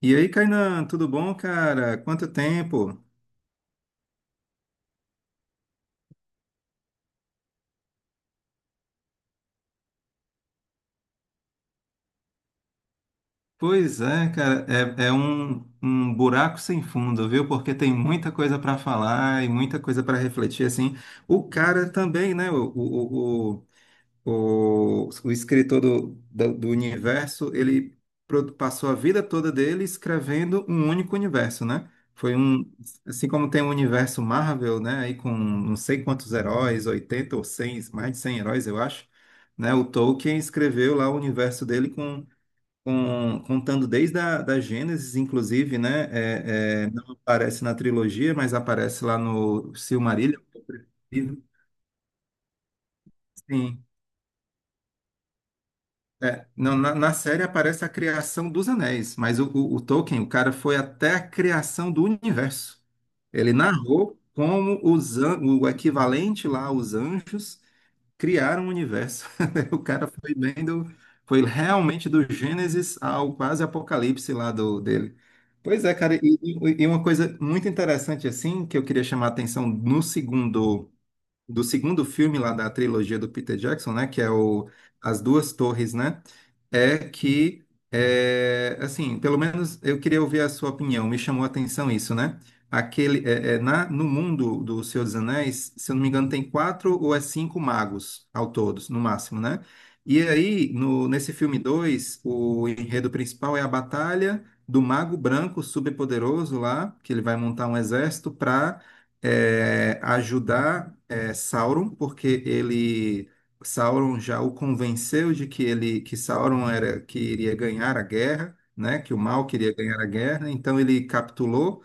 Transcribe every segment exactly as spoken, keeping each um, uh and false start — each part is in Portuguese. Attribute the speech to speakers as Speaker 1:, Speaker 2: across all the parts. Speaker 1: E aí, Kainan, tudo bom, cara? Quanto tempo? Pois é, cara, é, é um, um buraco sem fundo, viu? Porque tem muita coisa para falar e muita coisa para refletir, assim. O cara também, né? O, o, o, O, o escritor do, do, do universo, ele pro- passou a vida toda dele escrevendo um único universo, né? Foi um, assim como tem o universo Marvel, né? Aí com não sei quantos heróis, oitenta ou cem, mais de cem heróis, eu acho, né? O Tolkien escreveu lá o universo dele com, com contando desde a da Gênesis, inclusive, né? É, é, não aparece na trilogia, mas aparece lá no Silmarillion. Sim. É, não, na, na série aparece a criação dos anéis, mas o, o- o Tolkien, o cara foi até a criação do universo. Ele narrou como os, an- o equivalente lá, os anjos, criaram o universo. O cara foi bem do, foi realmente do Gênesis ao quase Apocalipse lá do, dele. Pois é, cara, e, e- e uma coisa muito interessante assim, que eu queria chamar a atenção no segundo, do segundo filme lá da trilogia do Peter Jackson, né, que é o As Duas Torres, né? É que, é, assim, pelo menos eu queria ouvir a sua opinião, me chamou a atenção isso, né? Aquele, é, é, na, no mundo do Senhor dos Anéis, se eu não me engano, tem quatro ou é cinco magos ao todos, no máximo, né? E aí, no, nesse filme dois o enredo principal é a batalha do mago branco superpoderoso lá, que ele vai montar um exército para ajudar é, Sauron, porque ele Sauron já o convenceu de que ele que Sauron era que iria ganhar a guerra, né? Que o mal queria ganhar a guerra, então ele capitulou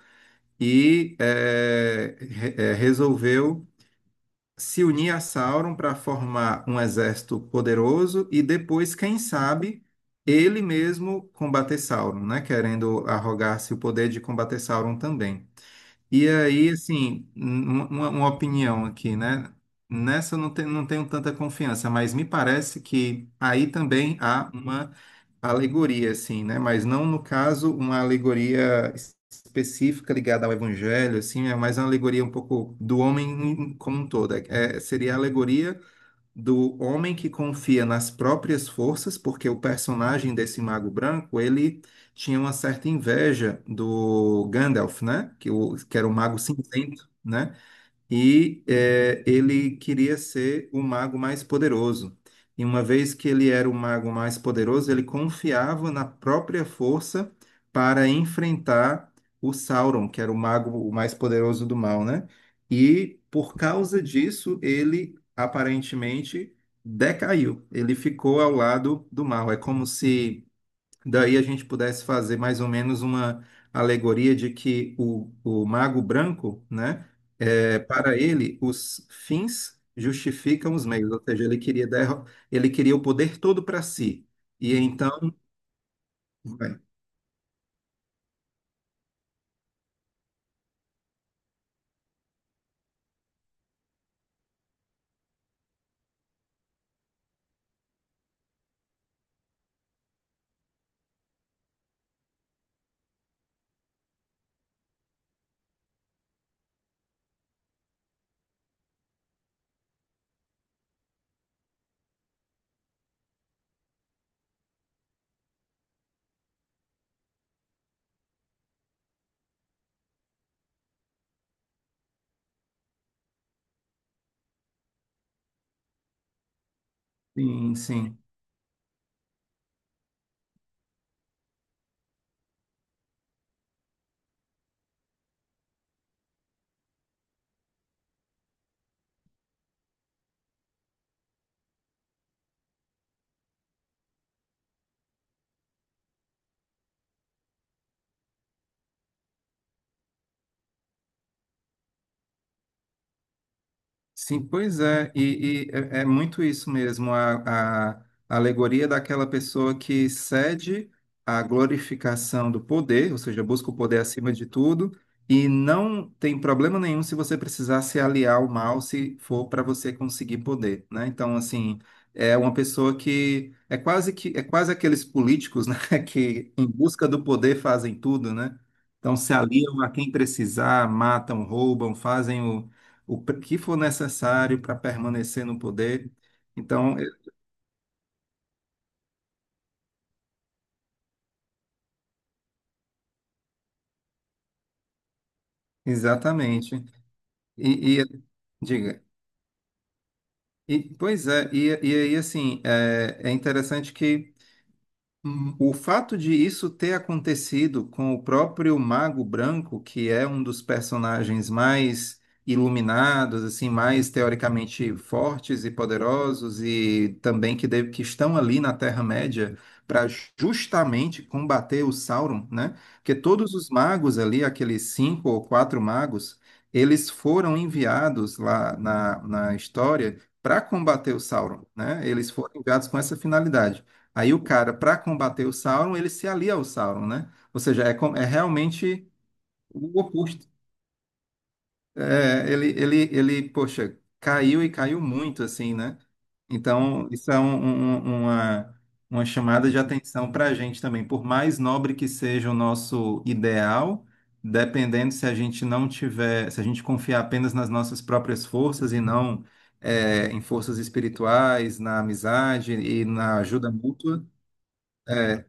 Speaker 1: e eh, re- eh, resolveu se unir a Sauron para formar um exército poderoso e depois, quem sabe, ele mesmo combater Sauron, né? Querendo arrogar-se o poder de combater Sauron também. E aí, assim, um- uma, uma opinião aqui, né? Nessa eu não, tenho não tenho tanta confiança, mas me parece que aí também há uma alegoria, assim, né? Mas não, no caso, uma alegoria es- específica ligada ao evangelho, assim, é mais uma alegoria um pouco do homem em- como um todo. É, seria a alegoria do homem que confia nas próprias forças, porque o personagem desse Mago Branco, ele tinha uma certa inveja do Gandalf, né? Que, o, que era o Mago Cinzento, né? E eh, ele queria ser o mago mais poderoso. E uma vez que ele era o mago mais poderoso, ele confiava na própria força para enfrentar o Sauron, que era o mago o mais poderoso do mal, né? E por causa disso, ele aparentemente decaiu. Ele ficou ao lado do mal. É como se daí a gente pudesse fazer mais ou menos uma alegoria de que o, o mago branco, né, é, para ele, os fins justificam os meios, ou seja, ele queria, derro- ele queria o poder todo para si. E então. Vai. Sim, sim. Sim, pois é, e, e é é muito isso mesmo, a, a alegoria daquela pessoa que cede à glorificação do poder, ou seja, busca o poder acima de tudo, e não tem problema nenhum se você precisar se aliar ao mal, se for para você conseguir poder, né? Então, assim, é uma pessoa que é quase que é quase aqueles políticos, né, que em busca do poder fazem tudo, né? Então, se aliam a quem precisar, matam, roubam, fazem o pre- que for necessário para permanecer no poder. Então, e- exatamente. E, e- diga. E, pois é, e, e aí assim, é, é interessante que o fato de isso ter acontecido com o próprio Mago Branco, que é um dos personagens mais iluminados, assim, mais teoricamente fortes e poderosos, e também que, de- que estão ali na Terra-média para justamente combater o Sauron, né? Porque todos os magos ali, aqueles cinco ou quatro magos, eles foram enviados lá na, na história para combater o Sauron, né? Eles foram enviados com essa finalidade. Aí o cara, para combater o Sauron, ele se alia ao Sauron, né? Ou seja, é, com- é realmente o oposto. É, ele, ele, ele, poxa, caiu e caiu muito, assim, né? Então, isso é um- um- um, uma, uma chamada de atenção para a gente também. Por mais nobre que seja o nosso ideal, dependendo se a gente não tiver, se a gente confiar apenas nas nossas próprias forças e não é, em forças espirituais, na amizade e na ajuda mútua. É,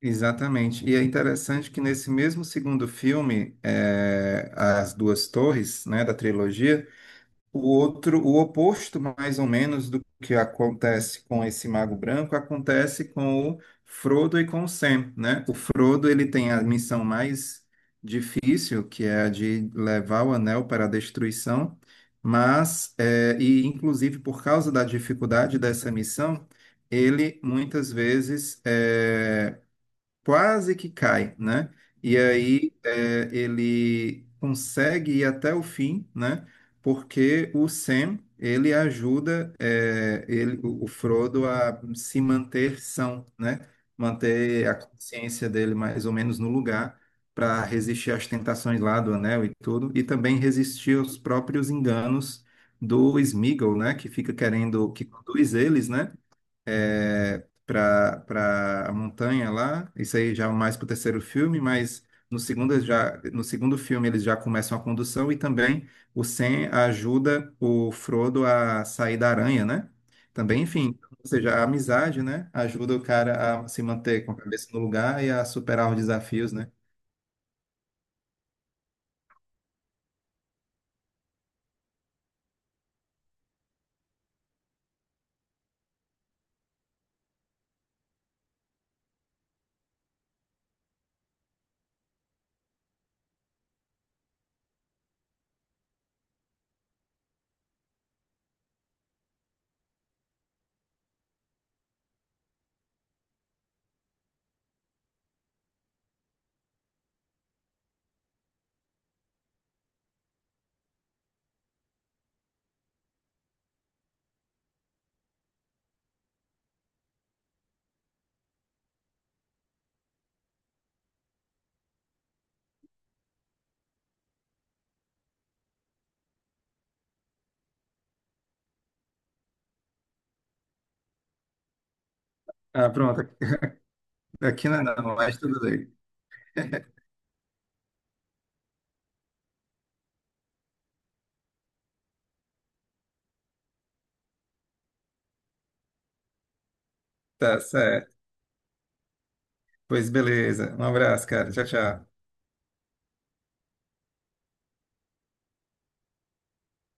Speaker 1: exatamente. E é interessante que nesse mesmo segundo filme, eh, As Duas Torres, né, da trilogia, o outro, o oposto mais ou menos do que acontece com esse Mago Branco, acontece com o Frodo e com o Sam, né? O Frodo, ele tem a missão mais difícil, que é a de levar o anel para a destruição, mas, eh, e inclusive por causa da dificuldade dessa missão, ele muitas vezes eh, quase que cai, né? E aí é, ele consegue ir até o fim, né? Porque o Sam ele ajuda é, ele, o o Frodo a se manter são, né? Manter a consciência dele mais ou menos no lugar para resistir às tentações lá do Anel e tudo, e também resistir aos próprios enganos do Sméagol, né? Que fica querendo que conduz eles, né? é, para para a montanha lá. Isso aí já é mais para o terceiro filme, mas no segundo eles já no segundo filme eles já começam a condução e também o Sam ajuda o Frodo a sair da aranha, né? Também, enfim, ou seja, a amizade, né, ajuda o cara a se manter com a cabeça no lugar e a superar os desafios, né? Ah, pronto. Aqui não, é não, mas tudo bem. Tá certo. Pois beleza. Um abraço, cara. Tchau, tchau.